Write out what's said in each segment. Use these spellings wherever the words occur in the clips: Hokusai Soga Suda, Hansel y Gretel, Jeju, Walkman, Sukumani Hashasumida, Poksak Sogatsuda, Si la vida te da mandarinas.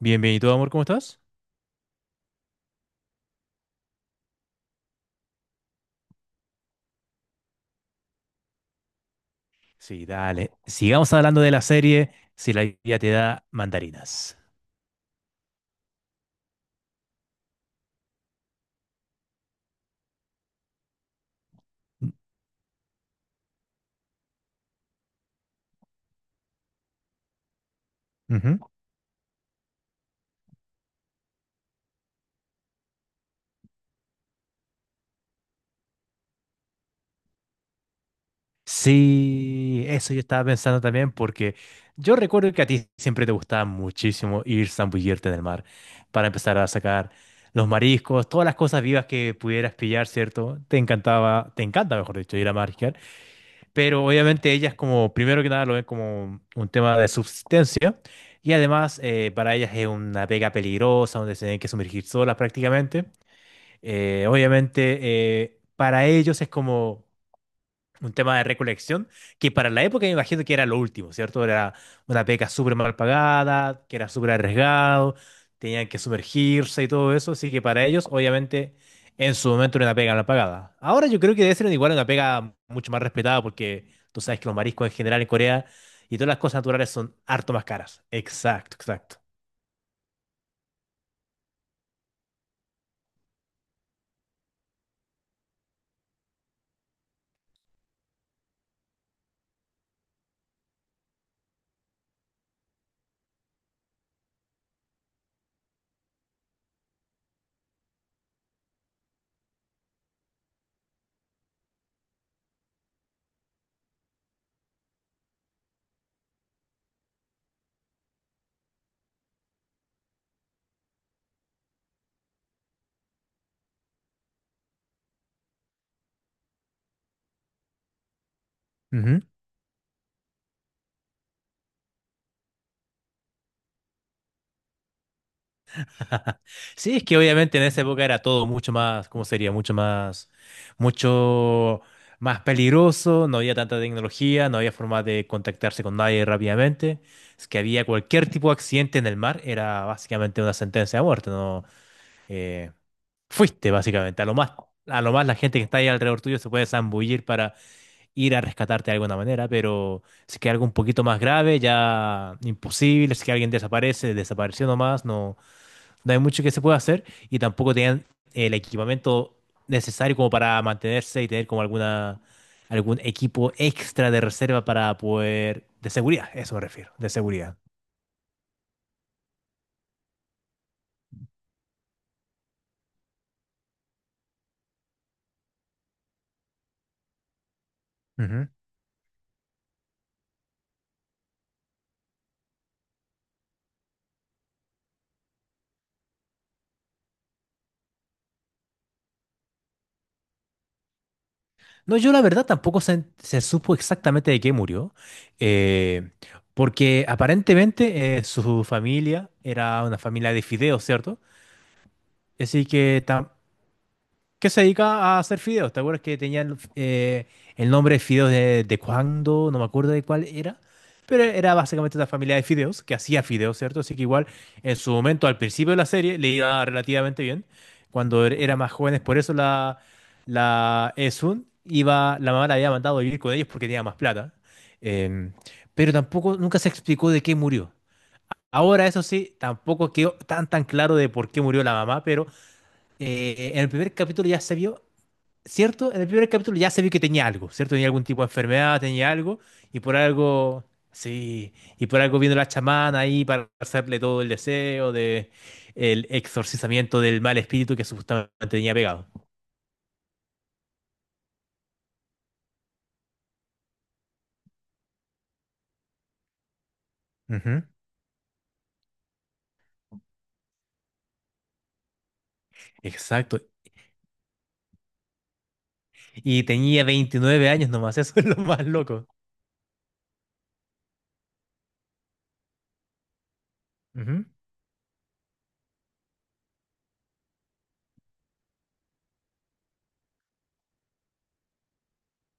Bienvenido, amor, ¿cómo estás? Sí, dale. Sigamos hablando de la serie Si la vida te da mandarinas. Ujú. Sí, eso yo estaba pensando también porque yo recuerdo que a ti siempre te gustaba muchísimo ir zambullirte en el mar para empezar a sacar los mariscos, todas las cosas vivas que pudieras pillar, ¿cierto? Te encantaba, te encanta, mejor dicho, ir a mariscar. Pero obviamente ellas como, primero que nada, lo ven como un tema de subsistencia y además para ellas es una pega peligrosa donde se tienen que sumergir solas prácticamente. Obviamente para ellos es como un tema de recolección, que para la época me imagino que era lo último, ¿cierto? Era una beca súper mal pagada, que era súper arriesgado, tenían que sumergirse y todo eso, así que para ellos, obviamente, en su momento era una pega mal pagada. Ahora yo creo que debe ser igual una pega mucho más respetada, porque tú sabes que los mariscos en general en Corea y todas las cosas naturales son harto más caras. Exacto, exacto. Sí, es que obviamente en esa época era todo mucho más, ¿cómo sería? Mucho más peligroso, no había tanta tecnología, no había forma de contactarse con nadie rápidamente. Es que había cualquier tipo de accidente en el mar, era básicamente una sentencia de muerte, ¿no? Eh, fuiste básicamente, a lo más la gente que está ahí alrededor tuyo se puede zambullir para ir a rescatarte de alguna manera, pero si es que algo un poquito más grave, ya imposible, si es que alguien desaparece, desapareció nomás, no no hay mucho que se pueda hacer y tampoco tenían el equipamiento necesario como para mantenerse y tener como alguna algún equipo extra de reserva para poder de seguridad, eso me refiero, de seguridad. Ujú. No, yo la verdad tampoco se supo exactamente de qué murió, eh, porque aparentemente su familia era una familia de fideos, ¿cierto? Así que se dedica a hacer fideos. ¿Te acuerdas que tenían el nombre de fideos de cuándo? No me acuerdo de cuál era. Pero era básicamente una familia de fideos que hacía fideos, ¿cierto? Así que igual en su momento, al principio de la serie, le iba relativamente bien. Cuando era más jóvenes, por eso la Esun iba, la mamá la había mandado a vivir con ellos porque tenía más plata. Em, pero tampoco, nunca se explicó de qué murió. Ahora, eso sí, tampoco quedó tan tan claro de por qué murió la mamá, pero en el primer capítulo ya se vio, ¿cierto? En el primer capítulo ya se vio que tenía algo, ¿cierto? Tenía algún tipo de enfermedad, tenía algo, y por algo, sí, y por algo vino la chamana ahí para hacerle todo el deseo de el exorcizamiento del mal espíritu que supuestamente tenía pegado. Ujú. Exacto. Y tenía 29 años nomás, eso es lo más loco. Ujú.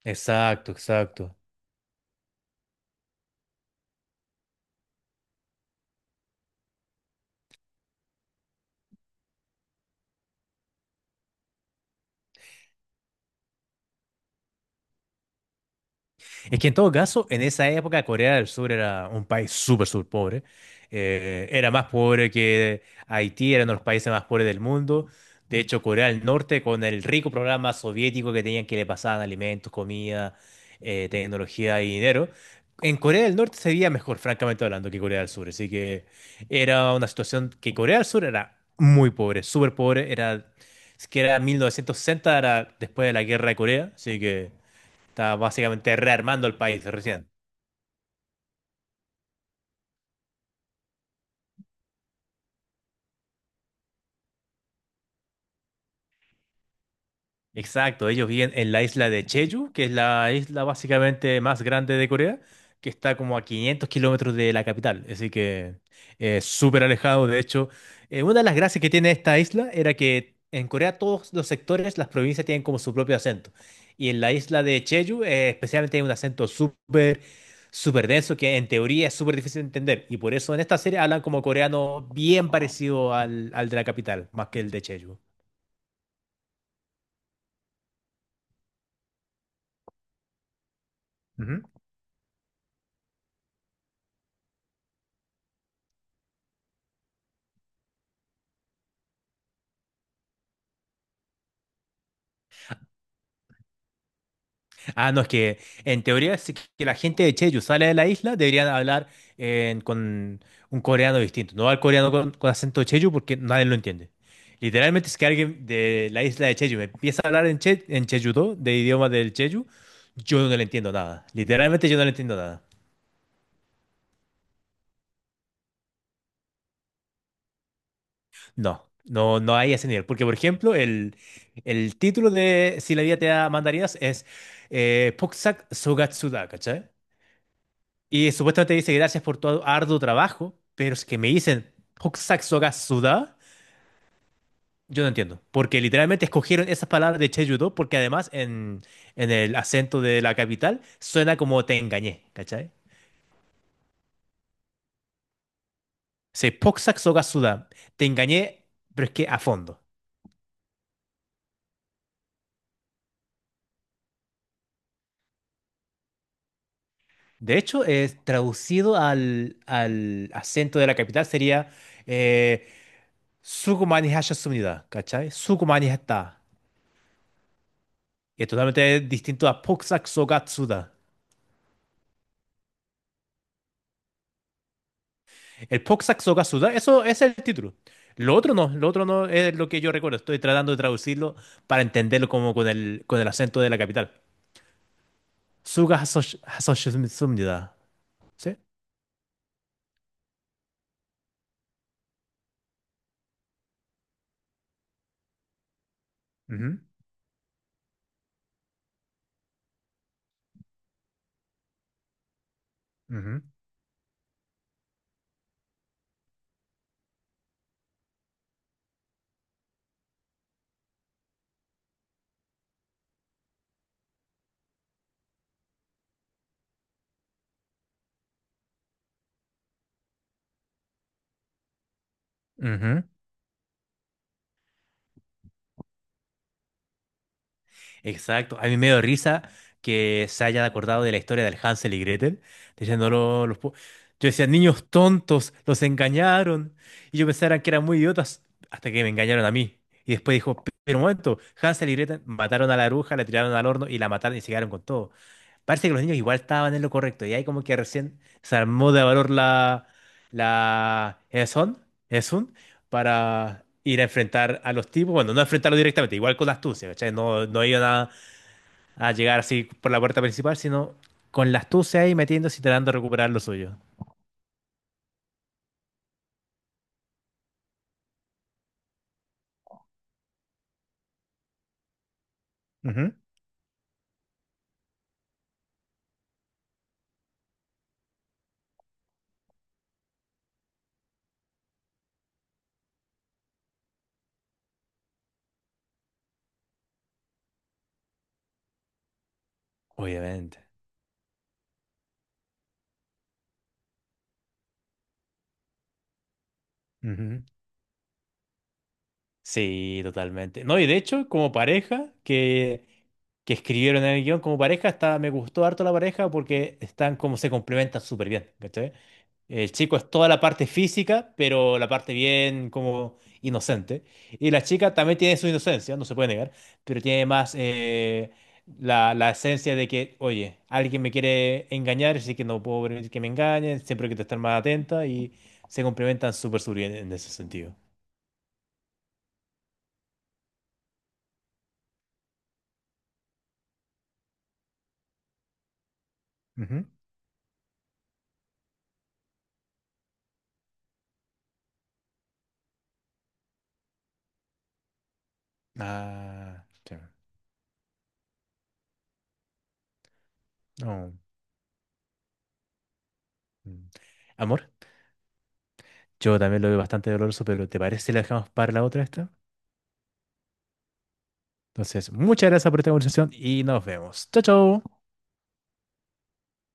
Exacto, exacto. Es que en todo caso, en esa época Corea del Sur era un país súper, súper pobre. Era más pobre que Haití, era uno de los países más pobres del mundo. De hecho, Corea del Norte, con el rico programa soviético que tenían que le pasaban alimentos, comida, tecnología y dinero, en Corea del Norte sería mejor, francamente hablando, que Corea del Sur. Así que era una situación que Corea del Sur era muy pobre, súper pobre. Es que era 1960, era después de la guerra de Corea, así que está básicamente rearmando el país recién. Exacto, ellos viven en la isla de Jeju, que es la isla básicamente más grande de Corea, que está como a 500 km kilómetros de la capital, así que es súper alejado. De hecho, una de las gracias que tiene esta isla era que en Corea todos los sectores, las provincias tienen como su propio acento. Y en la isla de Jeju, especialmente hay un acento súper, súper denso que en teoría es súper difícil de entender. Y por eso en esta serie hablan como coreano bien parecido al de la capital, más que el de Jeju. Ah, no, es que en teoría si que la gente de Jeju sale de la isla, deberían hablar con un coreano distinto. No al coreano con acento de Jeju porque nadie lo entiende. Literalmente, es que alguien de la isla de Jeju me empieza a hablar en, che, en Jeju-do, de idioma del Jeju, yo no le entiendo nada. Literalmente yo no le entiendo nada. No, no, no hay ese nivel. Porque, por ejemplo, el título de Si la vida te da mandarinas es Poksak Sogatsuda, ¿cachai? Y supuestamente dice gracias por tu arduo trabajo, pero es que me dicen Hokusai Soga Suda, yo no entiendo. Porque literalmente escogieron esas palabras de Cheju-do porque además en, el acento de la capital suena como te engañé, ¿cachai? Se Hokusai Soga Suda, te engañé, pero es que a fondo. De hecho, es traducido al acento de la capital sería eh, Sukumani Hashasumida, ¿cachai? Sukumani Hatta. Y es totalmente distinto a Hokusai Soga Suda. El Poxac Sokasuda, eso es el título. Lo otro no es lo que yo recuerdo. Estoy tratando de traducirlo para entenderlo como con el acento de la capital. Suga Hasoshimsumnida. ¿Sí? Ujú, ujú, ujú. Exacto. A mí me dio risa que se hayan acordado de la historia del Hansel y Gretel, diciéndolo Yo decía, niños tontos, los engañaron. Y yo pensaba que eran muy idiotas hasta que me engañaron a mí. Y después dijo, pero un momento, Hansel y Gretel mataron a la bruja, la tiraron al horno y la mataron y se quedaron con todo. Parece que los niños igual estaban en lo correcto. Y ahí como que recién se armó de valor la... la... ¿Es un? Para ir a enfrentar a los tipos. Bueno, no enfrentarlos directamente, igual con la astucia, ¿cachai? No, no iban a llegar así por la puerta principal, sino con la astucia ahí metiéndose y tratando de recuperar lo suyo. Ujú. Obviamente. Ujú. Sí, totalmente. No, y de hecho, como pareja que escribieron en el guión, como pareja, está, me gustó harto la pareja porque están como se complementan súper bien, ¿cachai? El chico es toda la parte física, pero la parte bien como inocente. Y la chica también tiene su inocencia, no se puede negar, pero tiene más la esencia de que, oye, alguien me quiere engañar, así que no puedo permitir que me engañen, siempre hay que estar más atenta y se complementan súper súper bien en ese sentido. Ah, sí. No. Mm. Amor, yo también lo veo bastante doloroso, pero ¿te parece si la dejamos para la otra esta? Entonces, muchas gracias por esta conversación y nos vemos. Chao, chao.